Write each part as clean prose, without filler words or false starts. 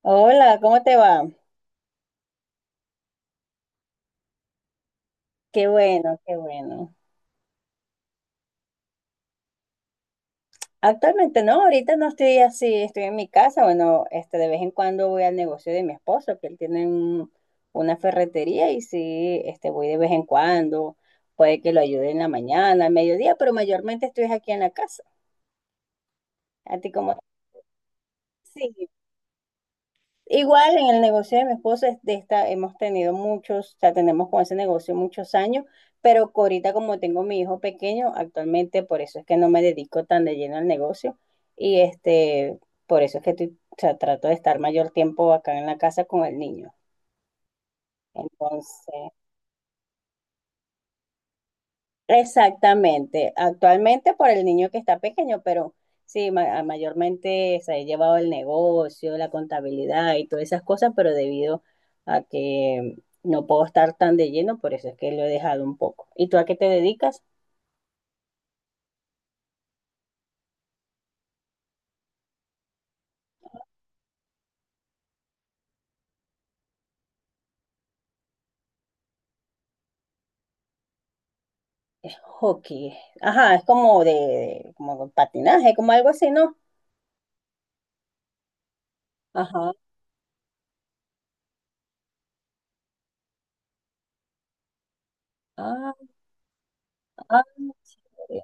Hola, ¿cómo te va? Qué bueno, qué bueno. Actualmente no, ahorita no estoy así, estoy en mi casa. Bueno, de vez en cuando voy al negocio de mi esposo, que él tiene una ferretería y sí, voy de vez en cuando. Puede que lo ayude en la mañana, al mediodía, pero mayormente estoy aquí en la casa. ¿A ti cómo? Sí. Igual en el negocio de mi esposo es hemos tenido muchos, o sea, tenemos con ese negocio muchos años, pero ahorita como tengo mi hijo pequeño, actualmente por eso es que no me dedico tan de lleno al negocio y por eso es que o sea, trato de estar mayor tiempo acá en la casa con el niño. Entonces, exactamente, actualmente por el niño que está pequeño, pero sí, mayormente se ha llevado el negocio, la contabilidad y todas esas cosas, pero debido a que no puedo estar tan de lleno, por eso es que lo he dejado un poco. ¿Y tú a qué te dedicas? Hockey. Ajá, es como de como patinaje, como algo así, ¿no? Ajá. Ah, ah, sí.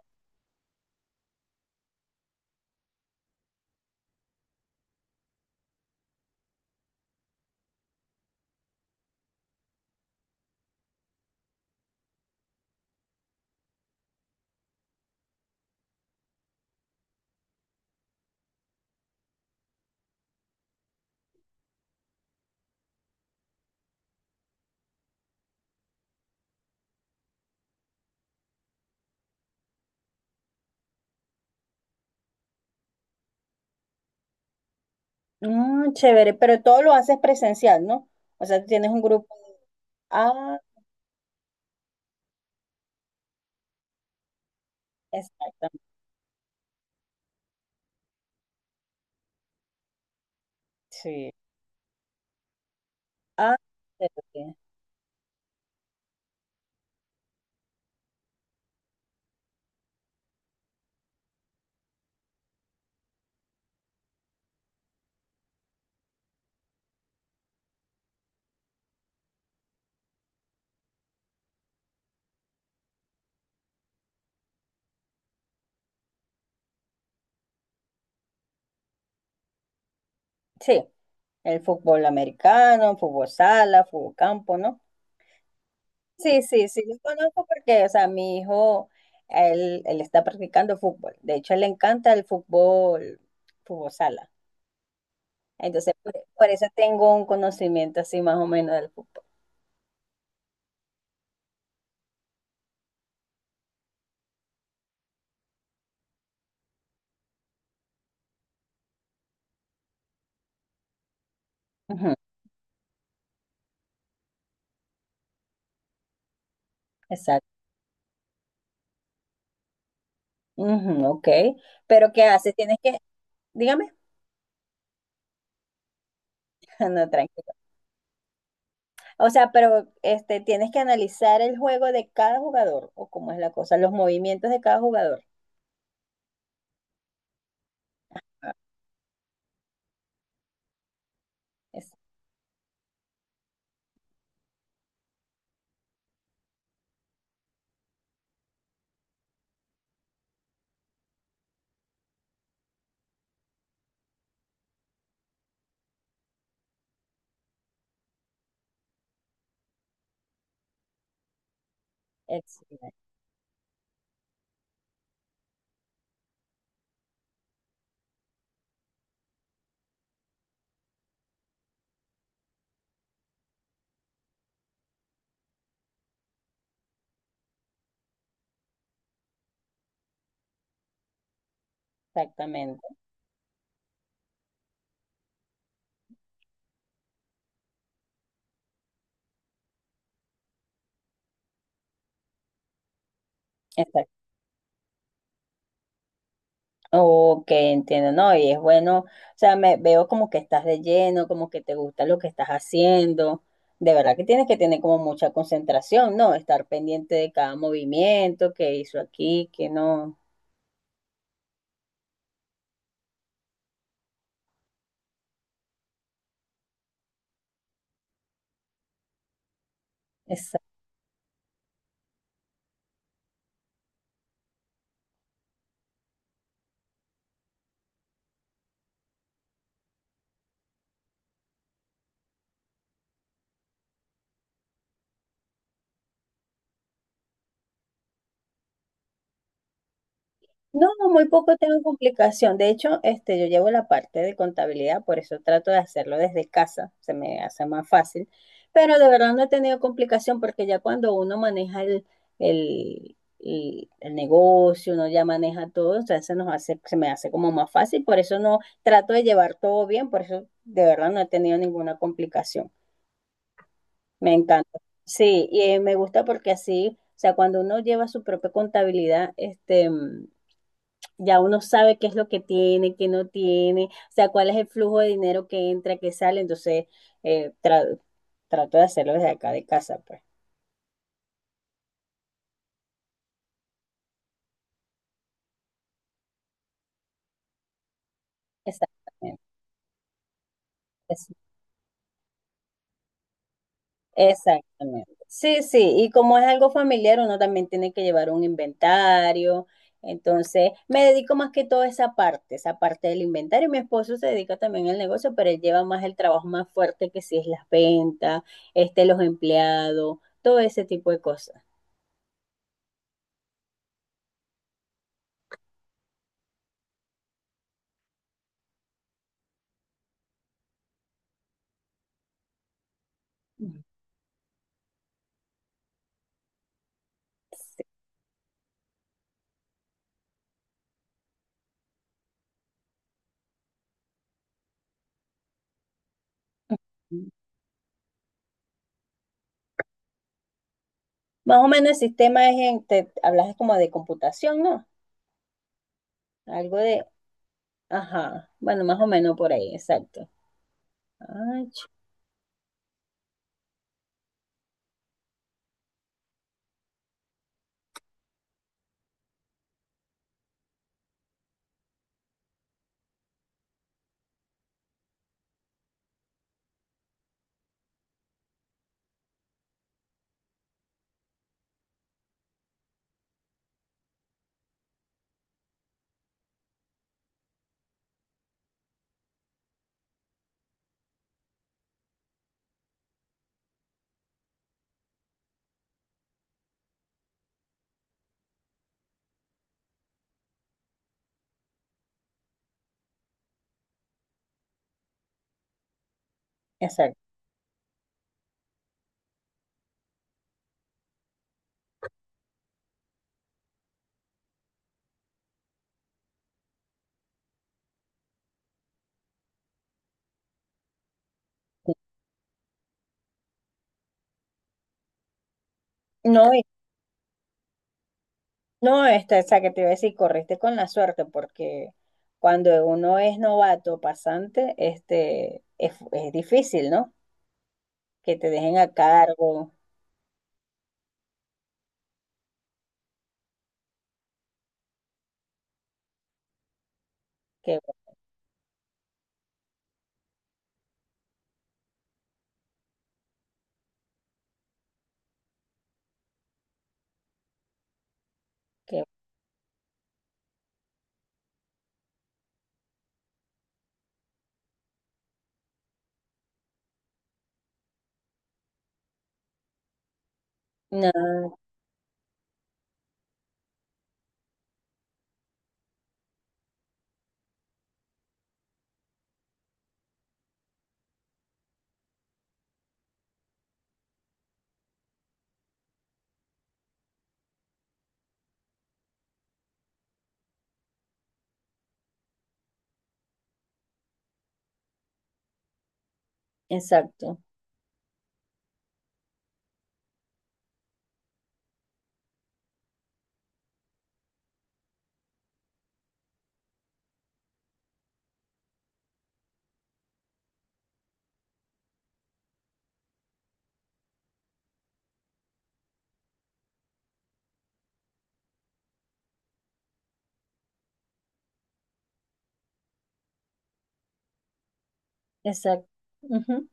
Mm, chévere, pero todo lo haces presencial, ¿no? O sea, tienes un grupo. Ah, exactamente. Sí. Ah, chévere. Sí, el fútbol americano, fútbol sala, fútbol campo, ¿no? Sí, sí, sí, lo conozco porque, o sea, mi hijo, él está practicando fútbol. De hecho, le encanta el fútbol, fútbol sala. Entonces, por eso tengo un conocimiento así más o menos del fútbol. Ujú, exacto. Ujú, ok. Pero ¿qué haces? Tienes que, dígame, no, tranquilo. O sea, pero tienes que analizar el juego de cada jugador o cómo es la cosa, los movimientos de cada jugador. Ah, es- es- Exactamente, exacto. Ok, entiendo, ¿no? Y es bueno, o sea, me veo como que estás de lleno, como que te gusta lo que estás haciendo. De verdad que tienes que tener como mucha concentración, ¿no? Estar pendiente de cada movimiento que hizo aquí, que no. No, muy poco tengo complicación. De hecho, yo llevo la parte de contabilidad, por eso trato de hacerlo desde casa, se me hace más fácil. Pero de verdad no he tenido complicación porque ya cuando uno maneja el negocio, uno ya maneja todo, o sea, se nos hace, se me hace como más fácil. Por eso no trato de llevar todo bien, por eso de verdad no he tenido ninguna complicación. Me encanta. Sí, y me gusta porque así, o sea, cuando uno lleva su propia contabilidad, ya uno sabe qué es lo que tiene, qué no tiene, o sea, cuál es el flujo de dinero que entra, que sale, entonces eh, tra- trato de hacerlo desde acá de casa, pues. Exactamente. es- Exactamente. Sí, sí, y como es algo familiar, uno también tiene que llevar un inventario, entonces me dedico más que todo a esa parte del inventario. Mi esposo se dedica también al negocio, pero él lleva más el trabajo más fuerte que si es las ventas, los empleados, todo ese tipo de cosas. Ujú. Más o menos el sistema es en, te hablas como de computación, ¿no? Algo de, ajá, bueno, más o menos por ahí, exacto. Ay, exacto. No, no, esa que te iba a decir, corriste con la suerte, porque cuando uno es novato, pasante, es difícil, ¿no? Que te dejen a cargo, que, que, no, exacto, exacto. Ujú.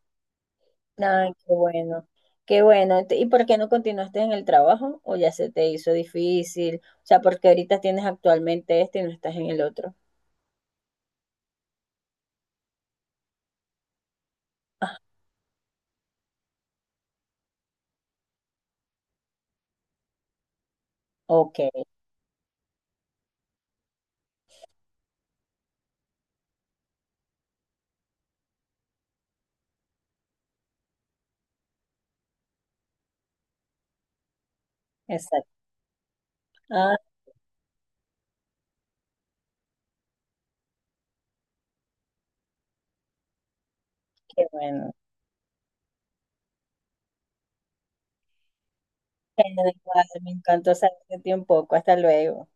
Ay, qué bueno, qué bueno. ¿Y por qué no continuaste en el trabajo? ¿O ya se te hizo difícil? O sea, porque ahorita tienes actualmente y no estás en el otro. Ok, exacto. Ah, qué bueno. Bueno, igual, me encantó saberte de ti un poco. Hasta luego.